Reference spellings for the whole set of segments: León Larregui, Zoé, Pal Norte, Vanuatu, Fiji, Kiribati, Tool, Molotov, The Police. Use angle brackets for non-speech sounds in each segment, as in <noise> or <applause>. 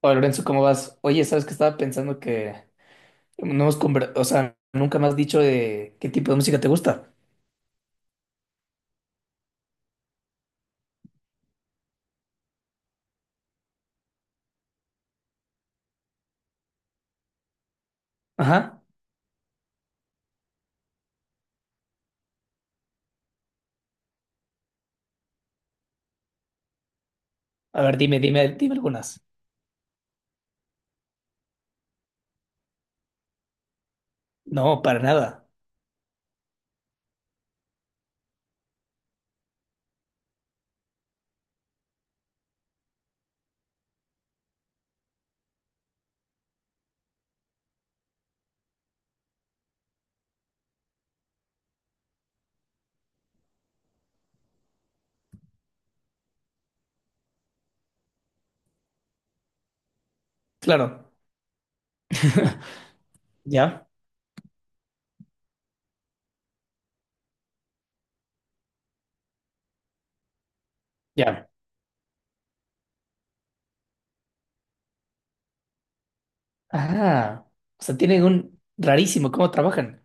Hola Lorenzo, ¿cómo vas? Oye, sabes que estaba pensando que no hemos nunca me has dicho de qué tipo de música te gusta. Ajá. A ver, dime algunas. No, para nada. Claro. ¿Ya? Ya. Ah, o sea, tienen un rarísimo cómo trabajan.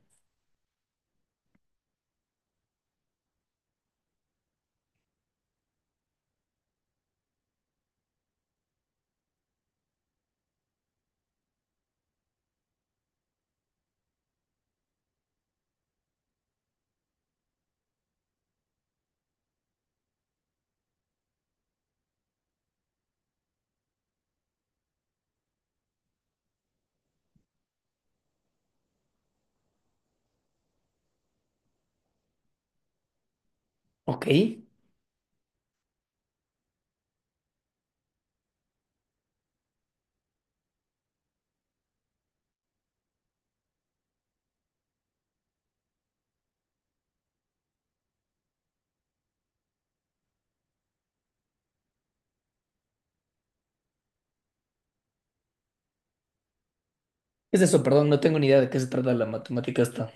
Ok. ¿Qué es eso? Perdón, no tengo ni idea de qué se trata la matemática esta.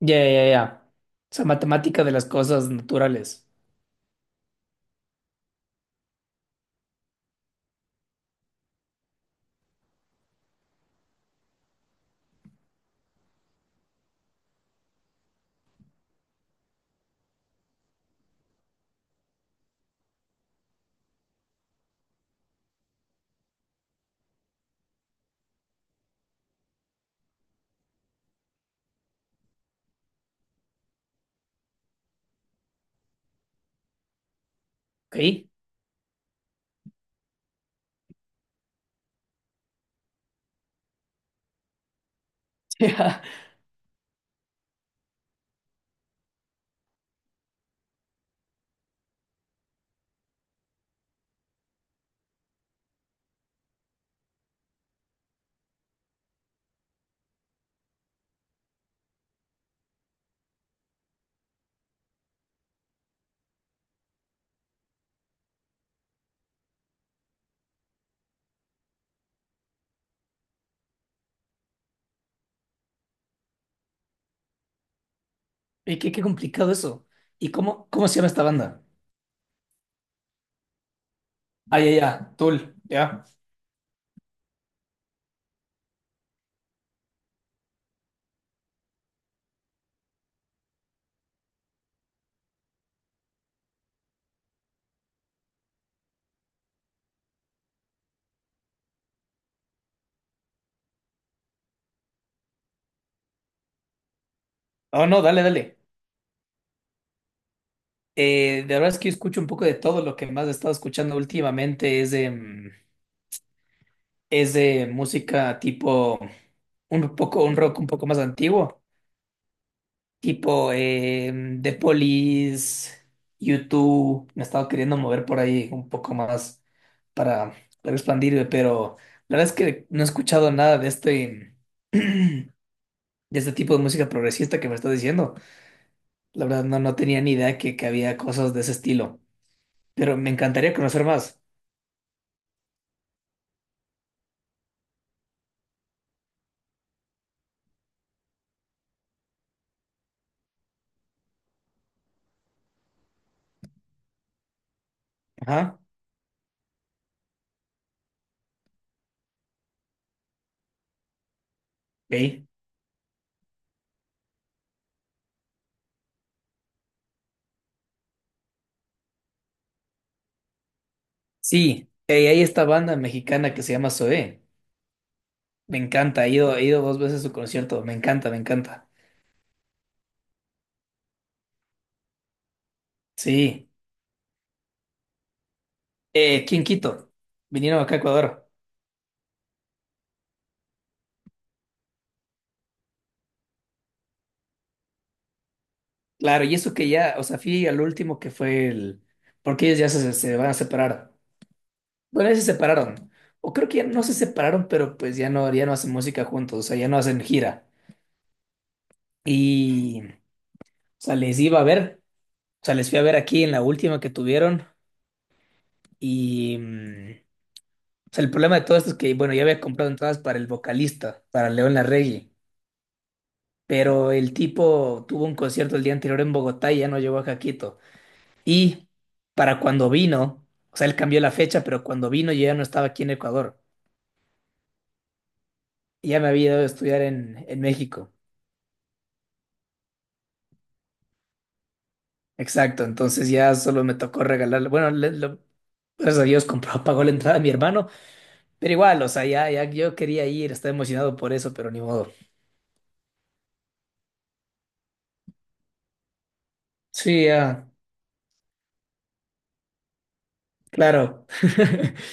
Ya, ya, ya. O sea, matemática de las cosas naturales. Ok. <laughs> Ya. Y qué complicado eso. ¿Y cómo se llama esta banda? Ah, ya, ya. Tool. Ya. Oh, no, dale, dale. La verdad es que yo escucho un poco de todo. Lo que más he estado escuchando últimamente es de es de música tipo un poco, un rock un poco más antiguo, tipo The Police, YouTube. Me he estado queriendo mover por ahí un poco más para, para expandirme, pero la verdad es que no he escuchado nada de este, <clears throat> de este tipo de música progresista que me estás diciendo. La verdad no, no tenía ni idea que había cosas de ese estilo. Pero me encantaría conocer más. Ajá. Ey. Sí, ey, hay esta banda mexicana que se llama Zoé. Me encanta, he ido dos veces a su concierto. Me encanta, me encanta. Sí. ¿Quién Quito? Vinieron acá a Ecuador. Claro, y eso que ya, o sea, fui al último que fue el. Porque ellos ya se van a separar. Bueno, ya se separaron. O creo que ya no se separaron, pero pues ya no, ya no hacen música juntos, o sea, ya no hacen gira. Y, o sea, les iba a ver, o sea, les fui a ver aquí en la última que tuvieron. Y o sea, el problema de todo esto es que, bueno, ya había comprado entradas para el vocalista, para León Larregui, pero el tipo tuvo un concierto el día anterior en Bogotá y ya no llegó a Jaquito. Y para cuando vino, o sea, él cambió la fecha, pero cuando vino yo ya no estaba aquí en Ecuador. Y ya me había ido a estudiar en México. Exacto, entonces ya solo me tocó regalarle. Bueno, gracias a Dios compró, <laughs> pagó la entrada a mi hermano, pero igual, o sea, ya yo quería ir, estaba emocionado por eso, pero ni modo. Sí, ya, claro. <laughs>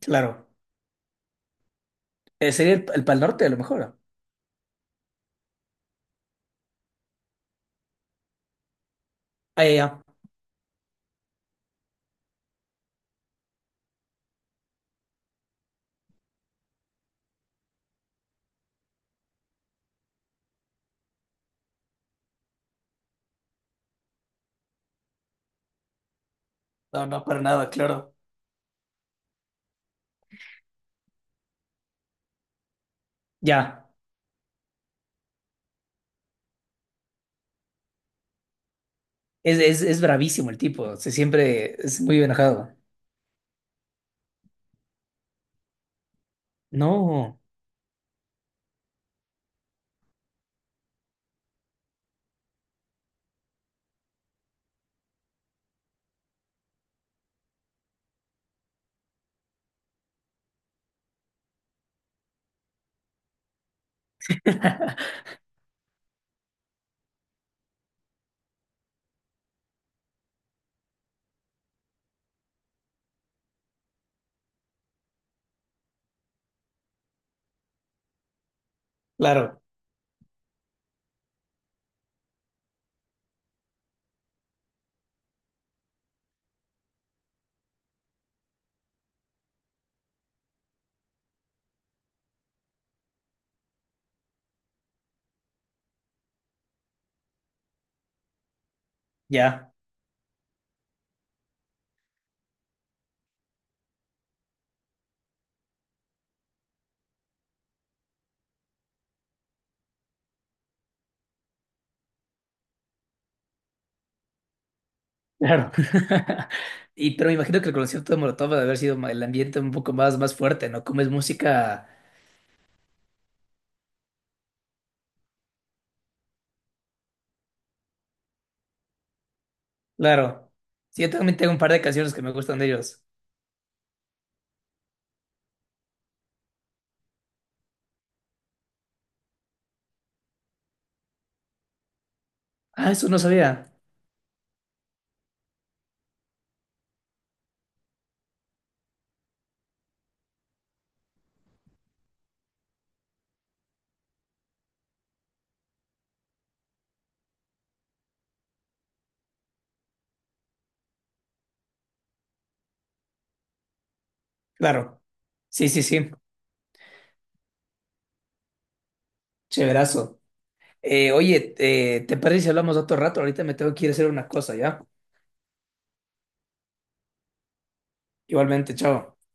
Claro. Sería el Pal Norte a lo mejor. Ah, ya, ya. No, no, para nada, claro. Ya. Es bravísimo el tipo. Se siempre es muy enojado. No. <laughs> Claro. Ya. Claro. <laughs> Y pero me imagino que el concierto de Molotov debe haber sido ma- el ambiente un poco más, más fuerte, ¿no? Como es música. Claro. Sí, yo también tengo un par de canciones que me gustan de ellos. Ah, eso no sabía. Claro. Sí, sí, sí. Chéverazo. Oye, ¿te parece si hablamos otro rato? Ahorita me tengo que ir a hacer una cosa, ¿ya? Igualmente, chao.